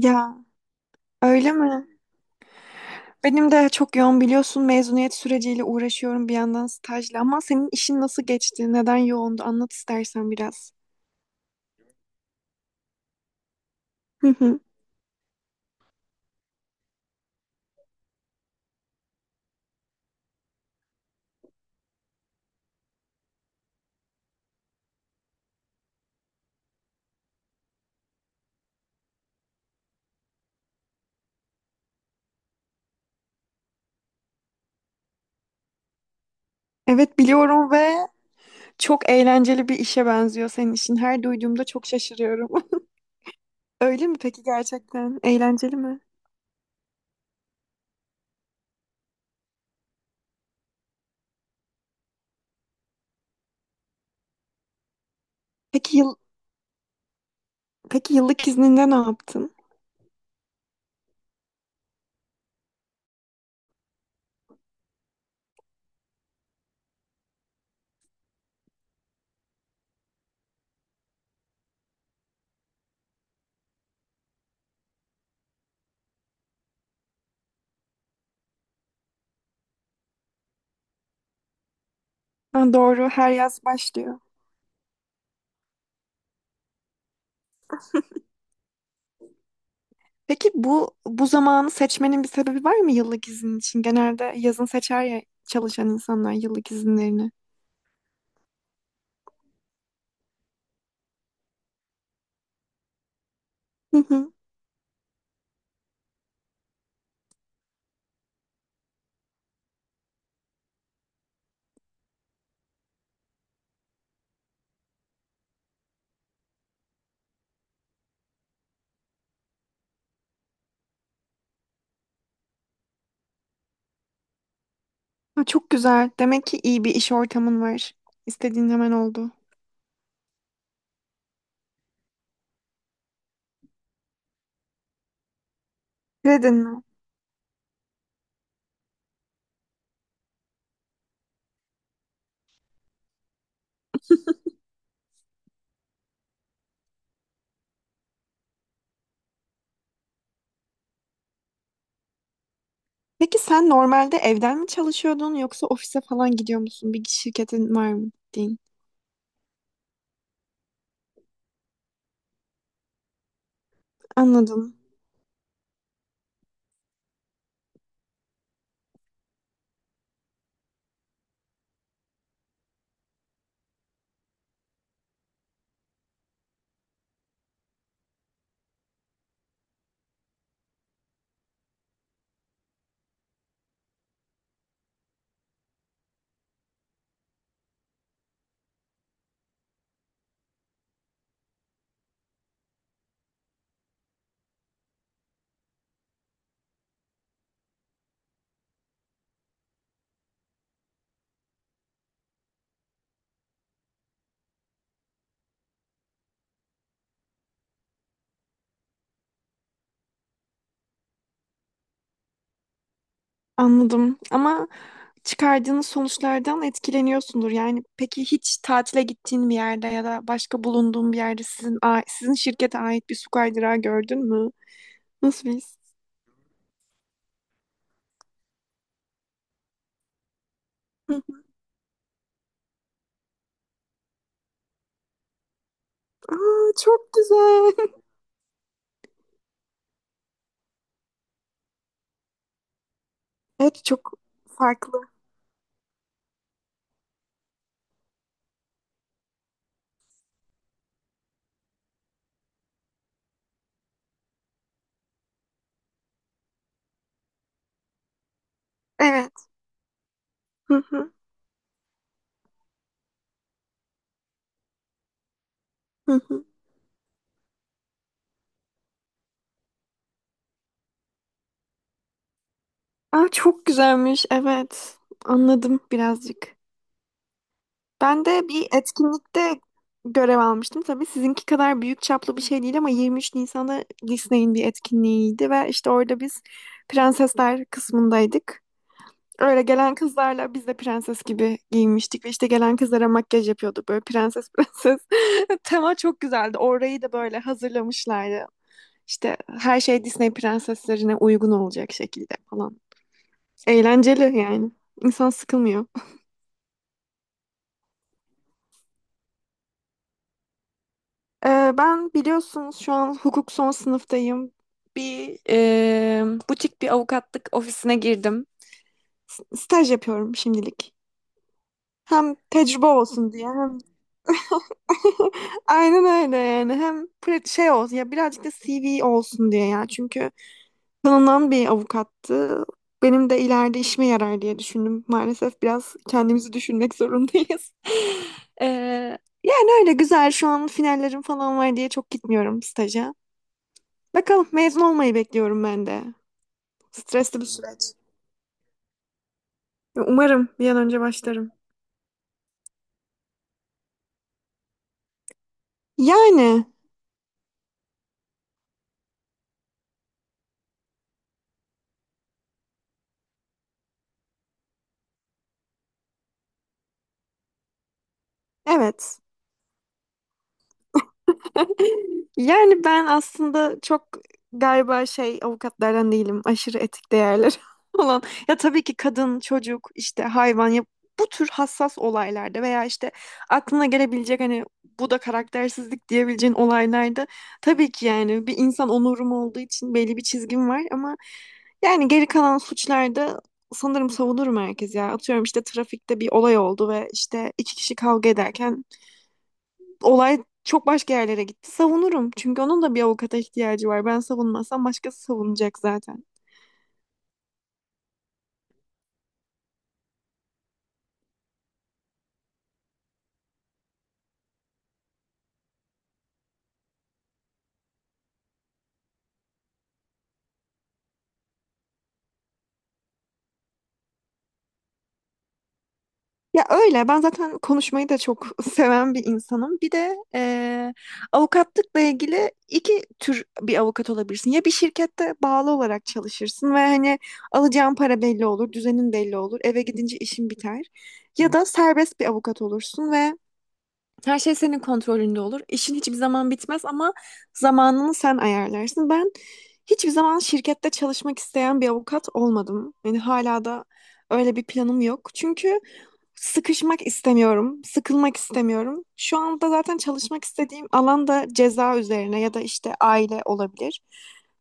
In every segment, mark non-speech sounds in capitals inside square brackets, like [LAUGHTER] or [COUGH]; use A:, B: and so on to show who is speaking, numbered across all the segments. A: Ya öyle mi? Benim de çok yoğun biliyorsun mezuniyet süreciyle uğraşıyorum bir yandan stajla ama senin işin nasıl geçti? Neden yoğundu? Anlat istersen biraz. Hı hı. Evet biliyorum ve çok eğlenceli bir işe benziyor senin işin. Her duyduğumda çok şaşırıyorum. [LAUGHS] Öyle mi peki gerçekten? Eğlenceli mi? Peki yıl Peki yıllık izninde ne yaptın? Ha, doğru, her yaz başlıyor. Peki bu zamanı seçmenin bir sebebi var mı yıllık izin için? Genelde yazın seçer ya çalışan insanlar yıllık izinlerini. [LAUGHS] Ha, çok güzel. Demek ki iyi bir iş ortamın var. İstediğin hemen oldu. Dedin mi? Peki sen normalde evden mi çalışıyordun yoksa ofise falan gidiyor musun? Bir şirketin var mı gittiğin? Anladım. Anladım. Ama çıkardığınız sonuçlardan etkileniyorsundur. Yani peki hiç tatile gittiğin bir yerde ya da başka bulunduğun bir yerde sizin şirkete ait bir su kaydırağı gördün mü? Nasıl bir his? Hı hı. Aa, çok güzel. [LAUGHS] Evet çok farklı. Evet. Hı hı. Hı hı. Aa, çok güzelmiş. Evet. Anladım birazcık. Ben de bir etkinlikte görev almıştım. Tabii sizinki kadar büyük çaplı bir şey değil ama 23 Nisan'da Disney'in bir etkinliğiydi ve işte orada biz prensesler kısmındaydık. Öyle gelen kızlarla biz de prenses gibi giyinmiştik ve işte gelen kızlara makyaj yapıyorduk böyle prenses prenses. [LAUGHS] Tema çok güzeldi. Orayı da böyle hazırlamışlardı. İşte her şey Disney prenseslerine uygun olacak şekilde falan. Eğlenceli yani. İnsan sıkılmıyor. Ben biliyorsunuz şu an hukuk son sınıftayım. Bir e, Butik bir avukatlık ofisine girdim. Staj yapıyorum şimdilik. Hem tecrübe olsun diye hem [LAUGHS] aynen öyle yani hem şey olsun ya birazcık da CV olsun diye ya çünkü tanınan bir avukattı. Benim de ileride işime yarar diye düşündüm. Maalesef biraz kendimizi düşünmek zorundayız. [LAUGHS] Ee, Yani öyle güzel şu an finallerim falan var diye çok gitmiyorum staja. Bakalım mezun olmayı bekliyorum ben de. Stresli bir süreç. Umarım bir an önce başlarım. Yani evet. [LAUGHS] Yani ben aslında çok galiba şey avukatlardan değilim. Aşırı etik değerler [LAUGHS] olan. Ya tabii ki kadın, çocuk, işte hayvan ya bu tür hassas olaylarda veya işte aklına gelebilecek hani bu da karaktersizlik diyebileceğin olaylarda tabii ki yani bir insan onurum olduğu için belli bir çizgim var ama yani geri kalan suçlarda sanırım savunurum herkes ya. Atıyorum işte trafikte bir olay oldu ve işte iki kişi kavga ederken olay çok başka yerlere gitti. Savunurum. Çünkü onun da bir avukata ihtiyacı var. Ben savunmazsam başkası savunacak zaten. Ya öyle. Ben zaten konuşmayı da çok [LAUGHS] seven bir insanım. Bir de avukatlıkla ilgili iki tür bir avukat olabilirsin. Ya bir şirkette bağlı olarak çalışırsın ve hani alacağın para belli olur, düzenin belli olur, eve gidince işin biter. Ya da serbest bir avukat olursun ve her şey senin kontrolünde olur. İşin hiçbir zaman bitmez ama zamanını sen ayarlarsın. Ben hiçbir zaman şirkette çalışmak isteyen bir avukat olmadım. Yani hala da öyle bir planım yok. Çünkü sıkışmak istemiyorum, sıkılmak istemiyorum. Şu anda zaten çalışmak istediğim alan da ceza üzerine ya da işte aile olabilir.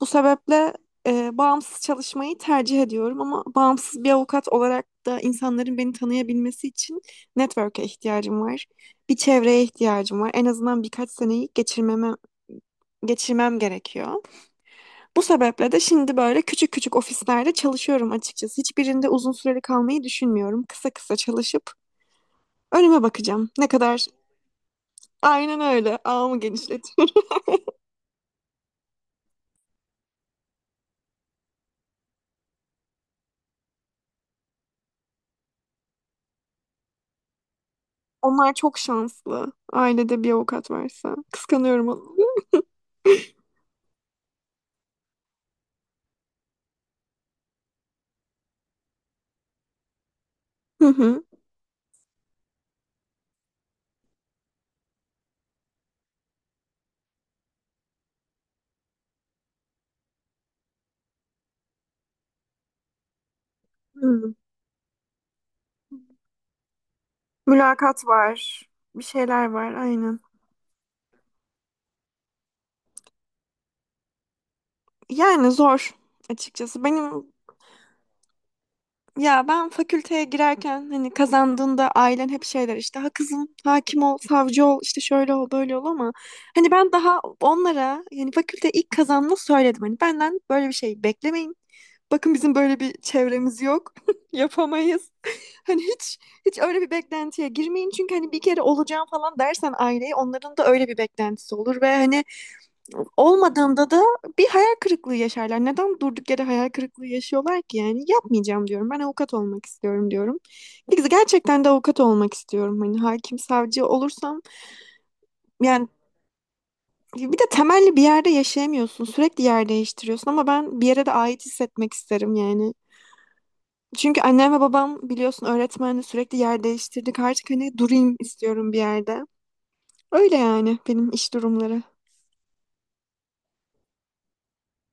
A: Bu sebeple bağımsız çalışmayı tercih ediyorum ama bağımsız bir avukat olarak da insanların beni tanıyabilmesi için network'e ihtiyacım var. Bir çevreye ihtiyacım var. En azından birkaç seneyi geçirmem gerekiyor. Bu sebeple de şimdi böyle küçük küçük ofislerde çalışıyorum açıkçası. Hiçbirinde uzun süreli kalmayı düşünmüyorum. Kısa kısa çalışıp önüme bakacağım. Ne kadar? Aynen öyle. Ağımı genişletiyorum. [LAUGHS] Onlar çok şanslı. Ailede bir avukat varsa. Kıskanıyorum onu. Hı hı. Hı. Mülakat var. Bir şeyler var aynen. Yani zor açıkçası. Ya ben fakülteye girerken hani kazandığında ailen hep şeyler işte ha kızım hakim ol, savcı ol, işte şöyle ol, böyle ol ama hani ben daha onlara yani fakülte ilk kazandığımda söyledim hani benden böyle bir şey beklemeyin. Bakın bizim böyle bir çevremiz yok. [LAUGHS] Yapamayız. [LAUGHS] Hani hiç Hiç öyle bir beklentiye girmeyin çünkü hani bir kere olacağım falan dersen aileyi onların da öyle bir beklentisi olur ve hani olmadığında da bir hayal kırıklığı yaşarlar. Neden durduk yere hayal kırıklığı yaşıyorlar ki? Yani yapmayacağım diyorum. Ben avukat olmak istiyorum diyorum. Biz gerçekten de avukat olmak istiyorum. Hani hakim, savcı olursam yani bir de temelli bir yerde yaşayamıyorsun. Sürekli yer değiştiriyorsun ama ben bir yere de ait hissetmek isterim yani. Çünkü annem ve babam biliyorsun öğretmenle sürekli yer değiştirdik. Artık hani durayım istiyorum bir yerde. Öyle yani benim iş durumları.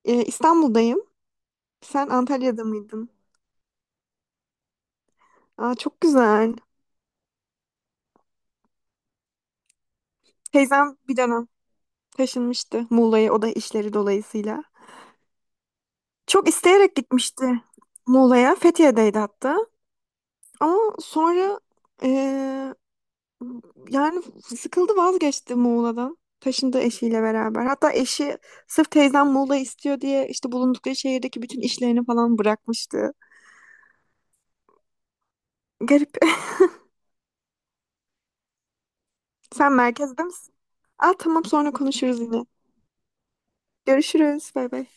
A: İstanbul'dayım. Sen Antalya'da mıydın? Aa, çok güzel. Teyzem bir dönem taşınmıştı Muğla'ya o da işleri dolayısıyla. Çok isteyerek gitmişti Muğla'ya. Fethiye'deydi hatta. Ama sonra eee, yani sıkıldı vazgeçti Muğla'dan. Taşındı eşiyle beraber. Hatta eşi sırf teyzem Muğla istiyor diye işte bulundukları şehirdeki bütün işlerini falan bırakmıştı. Garip. [LAUGHS] Sen merkezde misin? Aa tamam sonra konuşuruz yine. Görüşürüz. Bay bay.